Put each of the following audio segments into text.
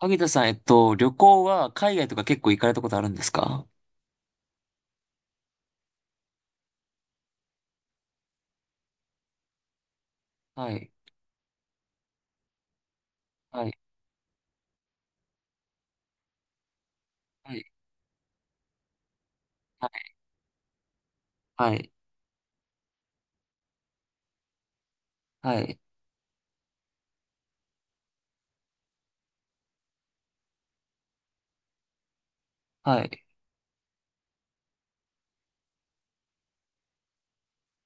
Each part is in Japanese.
萩田さん、旅行は海外とか結構行かれたことあるんですか？はい、はい、はい、はい、はい、はい。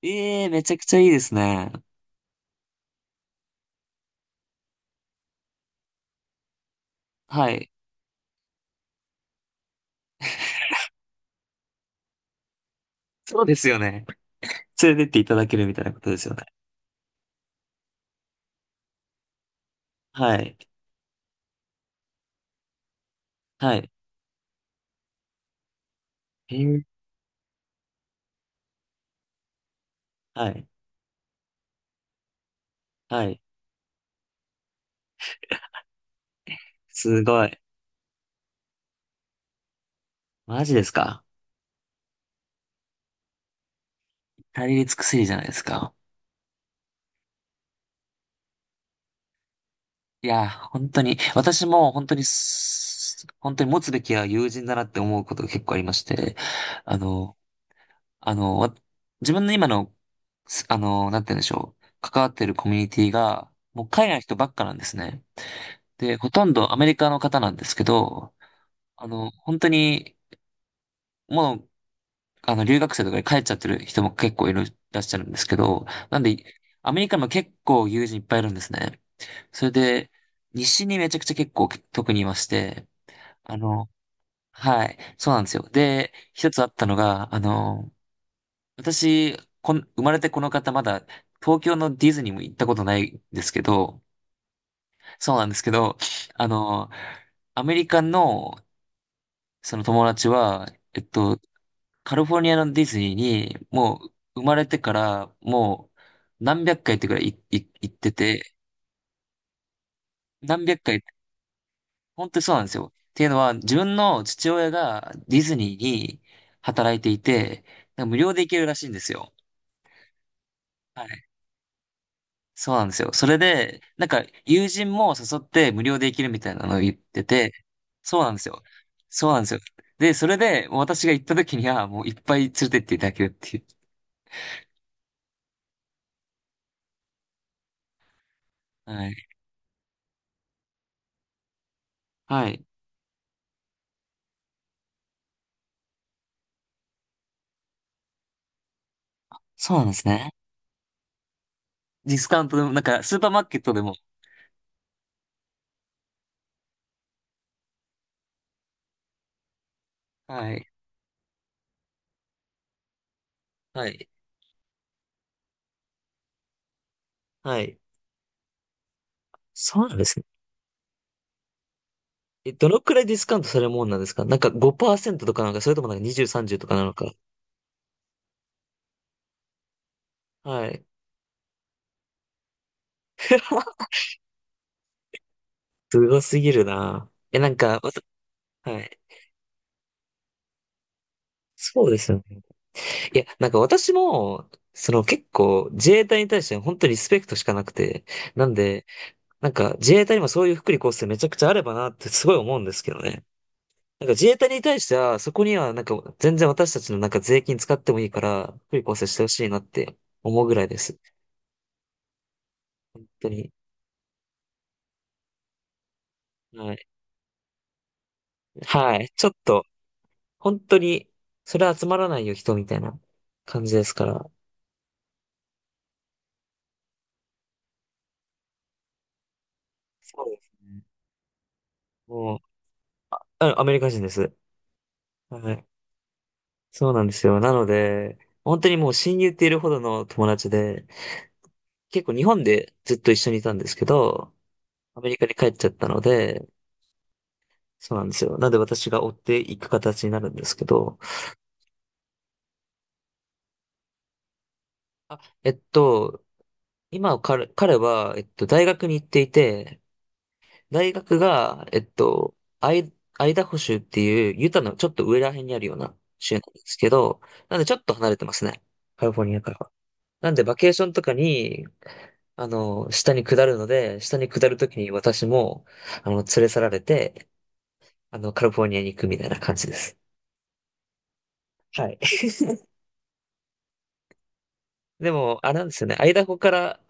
ええー、めちゃくちゃいいですね。はい。そうですよね。連れてっていただけるみたいなことですよね。はい、はい。えーはい、はい。すごい。マジですか？至れり尽くせりじゃないですか。いや、本当に、私も本当に持つべきは友人だなって思うことが結構ありまして、あの、あの、自分の今の、すあの、なんて言うんでしょう。関わってるコミュニティが、もう海外の人ばっかなんですね。で、ほとんどアメリカの方なんですけど、本当に、もう、留学生とかで帰っちゃってる人も結構いらっしゃるんですけど、なんで、アメリカにも結構友人いっぱいいるんですね。それで、西にめちゃくちゃ結構特にいまして、あの、はい、そうなんですよ。で、一つあったのが、私、生まれてこの方まだ東京のディズニーも行ったことないんですけど、そうなんですけど、あの、アメリカのその友達は、えっと、カリフォルニアのディズニーにもう生まれてからもう何百回ってくらい行ってて、何百回、本当にそうなんですよ。っていうのは、自分の父親がディズニーに働いていて、なんか無料で行けるらしいんですよ。そうなんですよ。それで、なんか友人も誘って無料で行けるみたいなのを言ってて、そうなんですよ。そうなんですよ。で、それで私が行った時にはもういっぱい連れてっていただけるっていう。はい。はい。そうなんですね。ディスカウントでも、なんかスーパーマーケットでも。はい。はい。はい。そうなんですね。え、どのくらいディスカウントされるもんなんですか？なんか5%とかなんか、それともなんか20、30とかなのか。はい。すごすぎるな。え、なんか、はい。そうですよね？いや、なんか私も、その結構自衛隊に対して本当にリスペクトしかなくて、なんで、なんか自衛隊にもそういう福利厚生めちゃくちゃあればなってすごい思うんですけどね。なんか自衛隊に対しては、そこにはなんか全然私たちのなんか税金使ってもいいから、福利厚生してほしいなって思うぐらいです。本当に。はい。はい。ちょっと、本当に、それ集まらないよ人みたいな感じですから。そうですね。もう、あ、アメリカ人です。はい。そうなんですよ。なので、本当にもう親友っているほどの友達で、結構日本でずっと一緒にいたんですけど、アメリカに帰っちゃったので、そうなんですよ。なので私が追っていく形になるんですけど、あ、今彼は、大学に行っていて、大学が、アイ、アイダホ州っていうユタのちょっと上ら辺にあるような州なんですけど、なのでちょっと離れてますね。カリフォルニアから。なんで、バケーションとかに、下に下るので、下に下るときに私も、連れ去られて、カリフォルニアに行くみたいな感じです。はい。でも、あれなんですよね。アイダホから、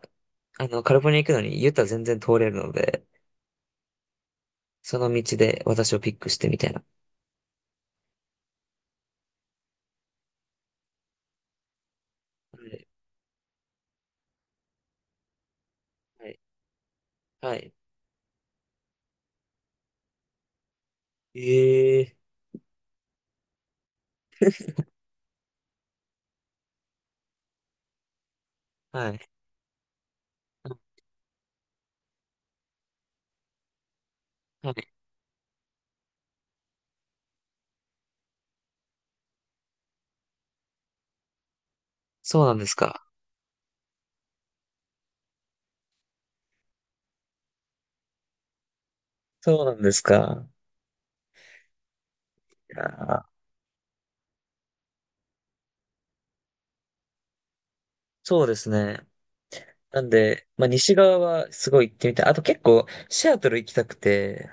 カリフォルニア行くのに、ユタ全然通れるので、その道で私をピックしてみたいな。はいはい。はい。ええはい。はい。そうなんですか。そうなんですか。いやーそうですね。なんで、まあ、西側はすごい行ってみたい。あと結構、シアトル行きたくて、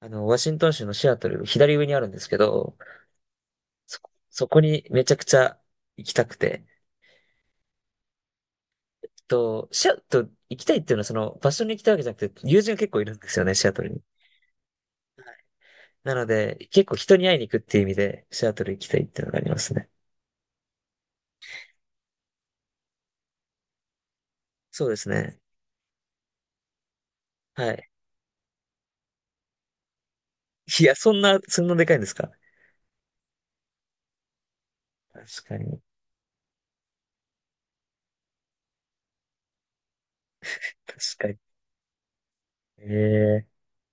ワシントン州のシアトル、左上にあるんですけど、そこにめちゃくちゃ行きたくて、シアトル行きたいっていうのはその、場所に行きたいわけじゃなくて、友人が結構いるんですよね、シアトルに。なので、結構人に会いに行くっていう意味で、シアトル行きたいっていうのがありますね。そうですね。はい。いや、そんなでかいんですか？確かに。確かに。ええ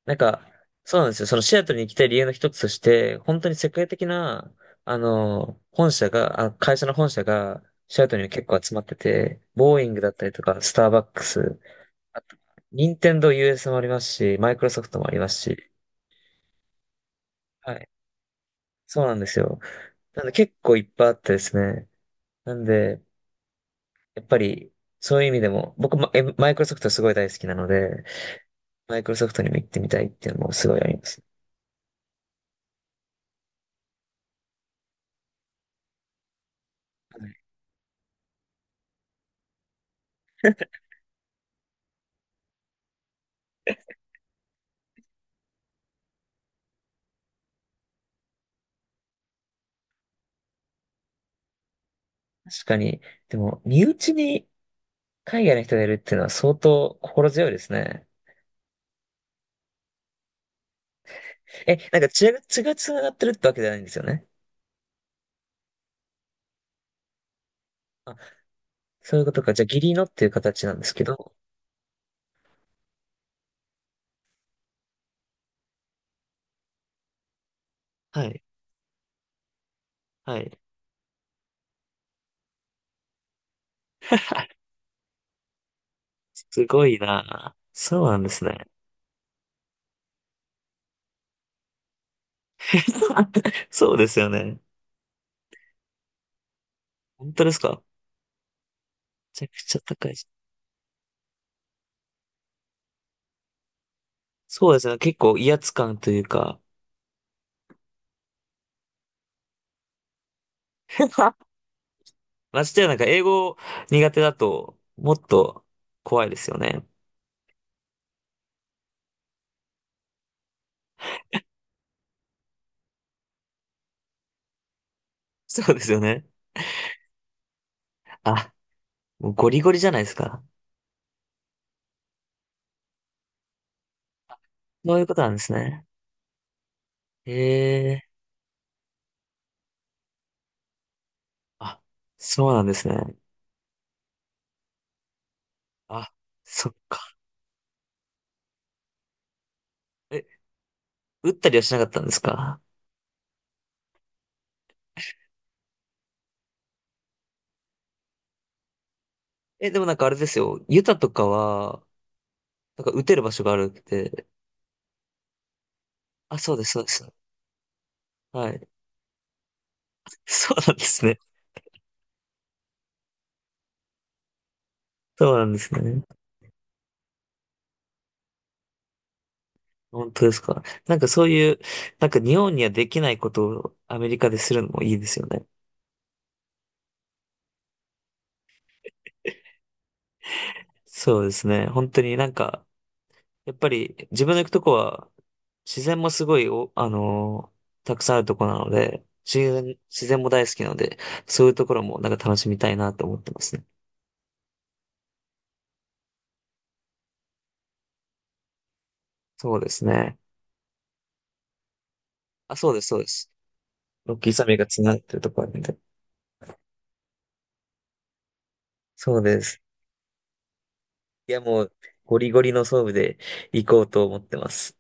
なんか、そうなんですよ。そのシアトルに行きたい理由の一つとして、本当に世界的な、本社が、あ、会社の本社が、シアトルに結構集まってて、ボーイングだったりとか、スターバックス、あと、任天堂 US もありますし、マイクロソフトもありますし、はい。そうなんですよ。なんで結構いっぱいあってですね。なんで、やっぱり、そういう意味でも、僕も、マイクロソフトすごい大好きなので、マイクロソフトにも行ってみたいっていうのもすごいあります。はい確かに、でも、身内に海外の人がいるっていうのは相当心強いですね。え、なんか血が繋がってるってわけじゃないんですよね。あ、そういうことか。じゃあ義理のっていう形なんですけど。はい。はい。すごいな。そうなんですね。そうですよね。本当ですか？めちゃくちゃ高いし。そうですね。結構威圧感というか。ましてやなんか英語苦手だともっと怖いですよね。そうですよね。あ、もうゴリゴリじゃないですか。そういうことなんですね。へえ。あ、そうなんですね。あ、そっか。え、打ったりはしなかったんですか？え、でもなんかあれですよ。ユタとかは、なんか打てる場所があるって。あ、そうです、そうです。はい。そうなんですね。そうなんですね。本当ですか。なんかそういう、なんか日本にはできないことをアメリカでするのもいいですよね。そうですね。本当になんか、やっぱり自分の行くとこは自然もすごいお、あのーたくさんあるとこなので、自然も大好きなので、そういうところもなんか楽しみたいなと思ってますね。そうですね。あ、そうです、そうです。ロッキー山脈が繋がってるところなんで。そうです。いや、もう、ゴリゴリの装備で行こうと思ってます。